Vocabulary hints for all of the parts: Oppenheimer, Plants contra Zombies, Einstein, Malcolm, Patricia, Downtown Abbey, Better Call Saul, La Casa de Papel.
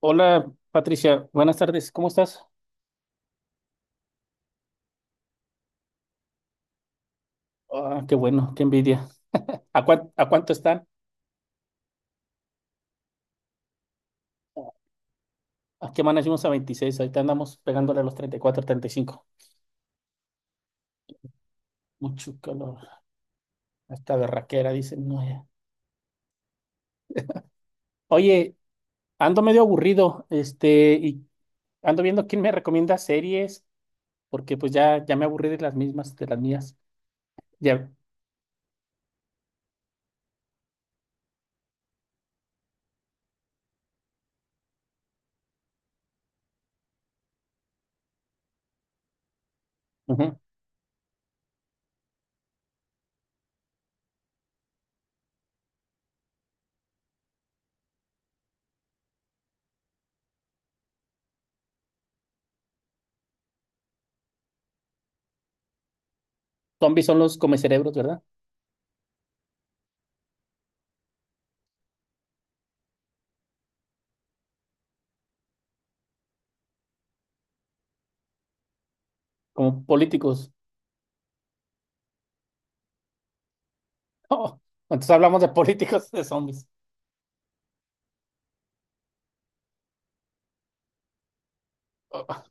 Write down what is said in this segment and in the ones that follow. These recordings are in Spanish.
Hola Patricia, buenas tardes, ¿cómo estás? Ah, qué bueno, qué envidia. ¿A cuánto están? ¿A qué manejamos a 26? Ahorita andamos pegándole a los 34, 35. Mucho calor. Esta berraquera, dicen. No, ya. Oye, ando medio aburrido, y ando viendo quién me recomienda series, porque pues ya, ya me aburrí de las mismas, de las mías. Ya. Ujú. Zombies son los comecerebros, ¿verdad? Como políticos. Oh, entonces hablamos de políticos, de zombies. Oh,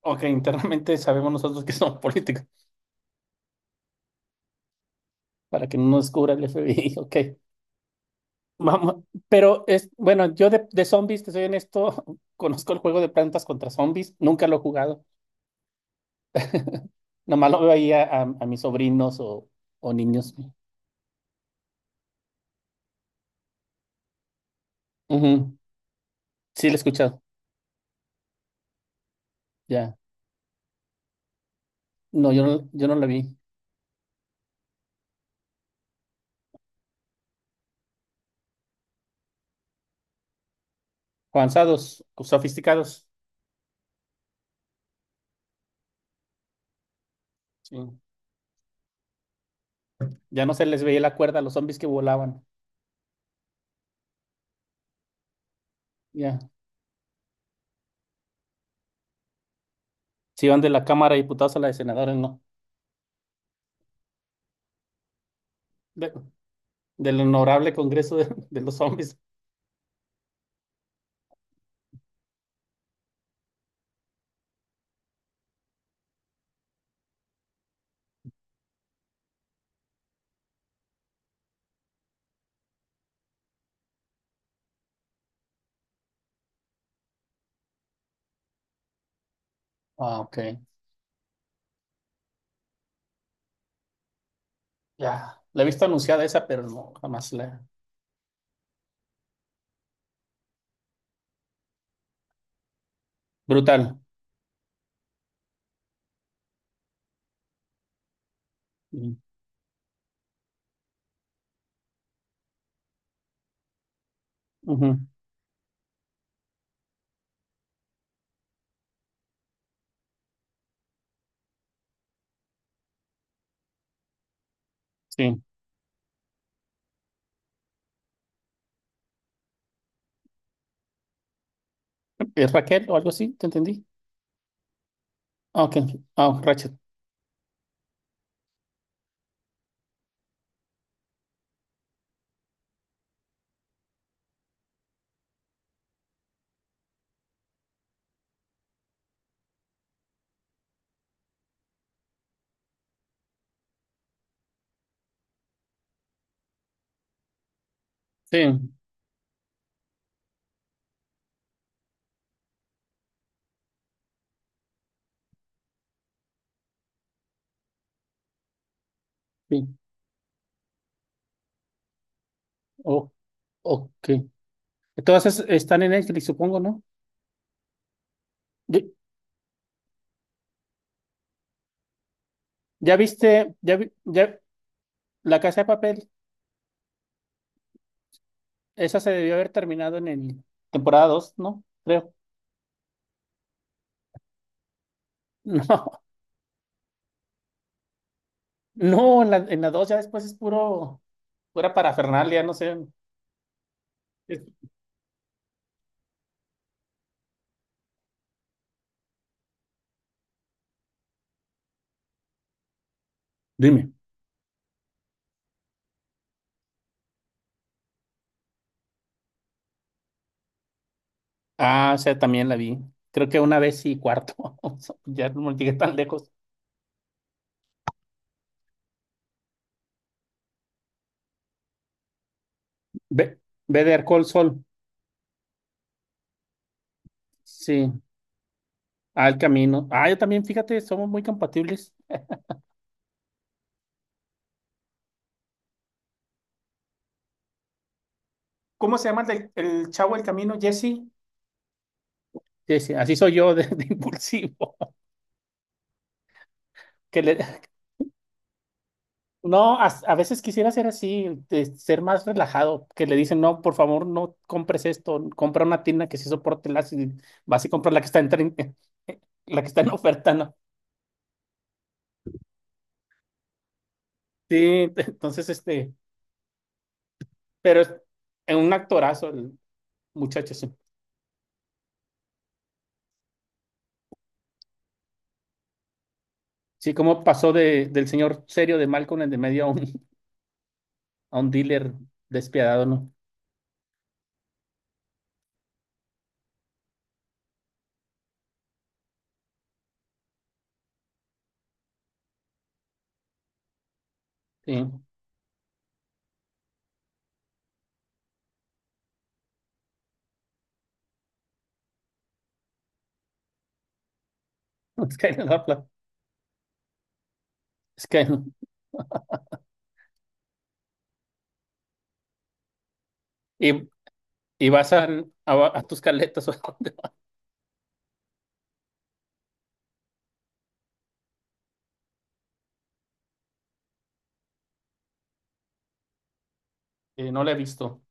ok, internamente sabemos nosotros que son políticos, para que no nos descubra el FBI, ok. Vamos, pero es, bueno, yo de zombies, te soy honesto, conozco el juego de plantas contra zombies, nunca lo he jugado, nomás lo veo ahí a, a mis sobrinos o niños. Ujú. Sí, lo he escuchado, ya. No, yo no lo vi. Avanzados, sofisticados, sí. Ya no se les veía la cuerda a los zombies que volaban, ya. Se iban de la Cámara de Diputados a la de Senadores, no. De- del honorable Congreso de los Zombies. Ah, ok. Ya, la he visto anunciada esa, pero no, jamás la. Brutal. Mm, ujú. Sí. ¿Es Raquel o algo así? ¿Te entendí? Ah, ok. Ah, Rachel. Sí, sí. Oh, ok. Todas esas están en Netflix, supongo, ¿no? Ye- ¿Ya viste La Casa de Papel? Esa se debió haber terminado en el temporada 2, ¿no? Creo. No, no, en la 2 ya después es puro, pura parafernalia, no sé. Es- Dime. Ah, o sea, también la vi. Creo que una vez y cuarto. Ya no llegué tan lejos. Ve, Better Call Saul. Sí, al camino. Ah, yo también, fíjate, somos muy compatibles. ¿Cómo se llama el, el chavo del camino, Jesse? Sí, sí, así soy yo de impulsivo. Que le, no, a veces quisiera ser así, de ser más relajado, que le dicen, no, por favor, no compres esto, compra una tienda que sí soporte el ácido, y vas y compras la que está la que está en oferta, ¿no? Sí, entonces, pero es un actorazo el muchacho, sí. Sí, cómo pasó del señor serio de Malcolm en de medio a un dealer despiadado, ¿no? Sí. Es que, no, es que no. Y, y vas a tus caletas o a dónde. No la he visto.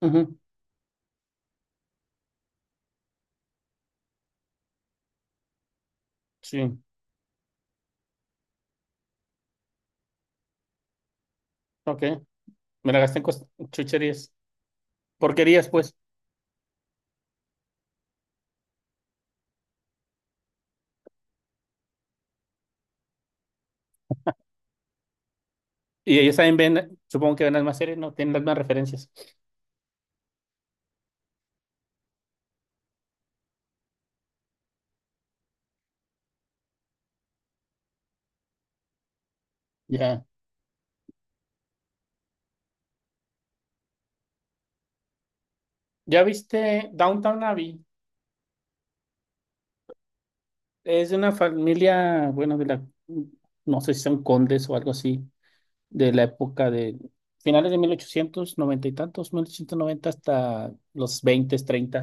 Ujú. Sí, ok. Me la gasté en chucherías. Porquerías, pues. Y ellos saben, ven, supongo que ven las más series, ¿no? Tienen las más referencias. Ya. ¿Ya viste Downtown Abbey? Es de una familia, bueno, de la, no sé si son condes o algo así, de la época de finales de 1890 y tantos, 1890 hasta los 20 30.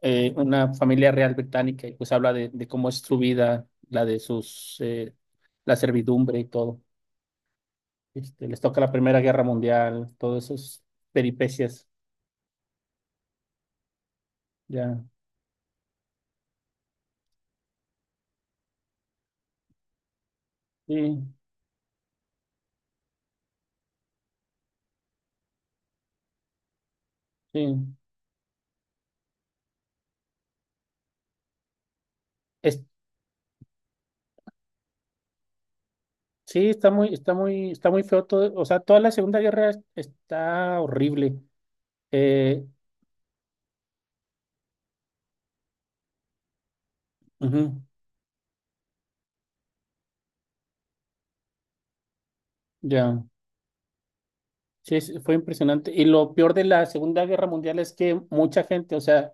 Una familia real británica y pues habla de cómo es su vida, la de sus, la servidumbre y todo. Les toca la Primera Guerra Mundial, todas esas peripecias, ya. Sí, sí. Es- Sí, está muy, está muy, está muy feo todo. O sea, toda la Segunda Guerra está horrible. Eh, Ujú, ya, sí, fue impresionante. Y lo peor de la Segunda Guerra Mundial es que mucha gente, o sea,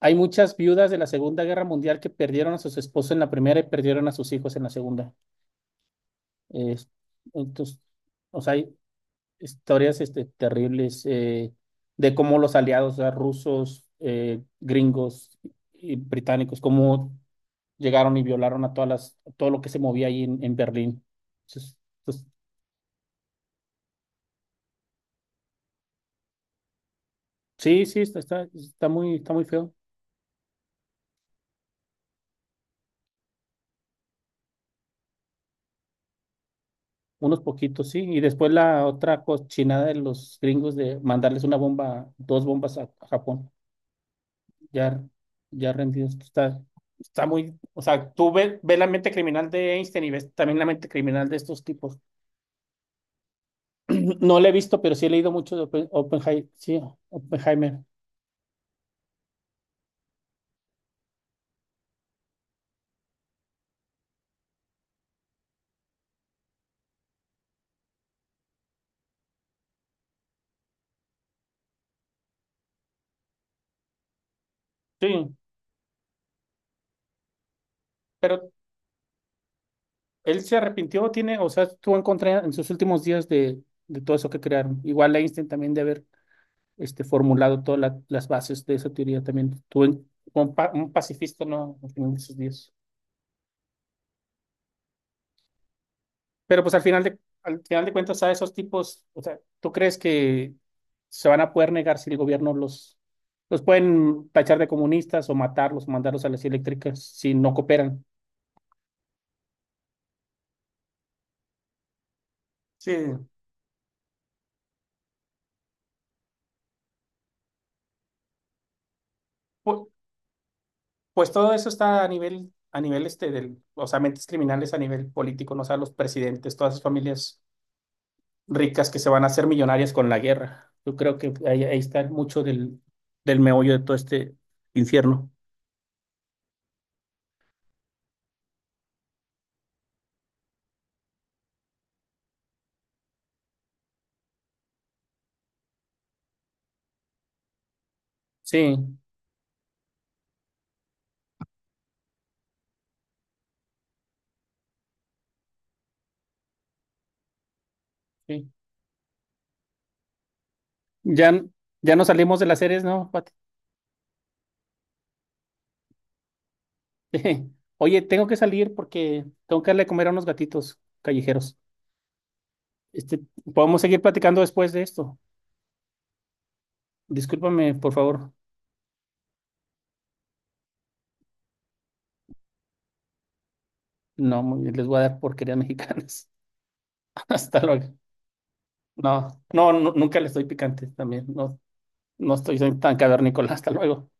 hay muchas viudas de la Segunda Guerra Mundial que perdieron a sus esposos en la primera y perdieron a sus hijos en la segunda. Eh, entonces, o sea, hay historias terribles, de cómo los aliados, o sea, rusos, gringos y británicos, como llegaron y violaron a todas las, todo lo que se movía ahí en Berlín. Entonces, pues, sí, sí, está, está, está muy feo. Unos poquitos, sí. Y después la otra cochinada de los gringos de mandarles una bomba, dos bombas a Japón, ya, ya rendidos. Está, está muy, o sea, tú ves, ves la mente criminal de Einstein y ves también la mente criminal de estos tipos. No la he visto, pero sí he leído mucho de sí, Oppenheimer. Sí, pero él se arrepintió, tiene, o sea, estuvo en contra en sus últimos días de todo eso que crearon. Igual Einstein también de haber formulado todas las bases de esa teoría también. Estuvo fue un pacifista, ¿no? Al final de sus días. Pero pues al final de cuentas, a esos tipos, o sea, ¿tú crees que se van a poder negar si el gobierno los pueden tachar de comunistas o matarlos o mandarlos a las eléctricas si no cooperan? Sí. Pu- Pues todo eso está a nivel del, o sea, mentes criminales a nivel político, ¿no? O sea, los presidentes, todas esas familias ricas que se van a hacer millonarias con la guerra. Yo creo que ahí está mucho del meollo de todo este infierno. Sí, sí. Ya, ya nos salimos de las series, ¿no, Pati? Oye, tengo que salir porque tengo que darle de comer a unos gatitos callejeros. Este, Podemos seguir platicando después de esto. Discúlpame, por favor. No, muy bien, les voy a dar porquerías mexicanas. Hasta luego. No, no, nunca le estoy picante también. No, no estoy soy tan cavernícola. Hasta luego.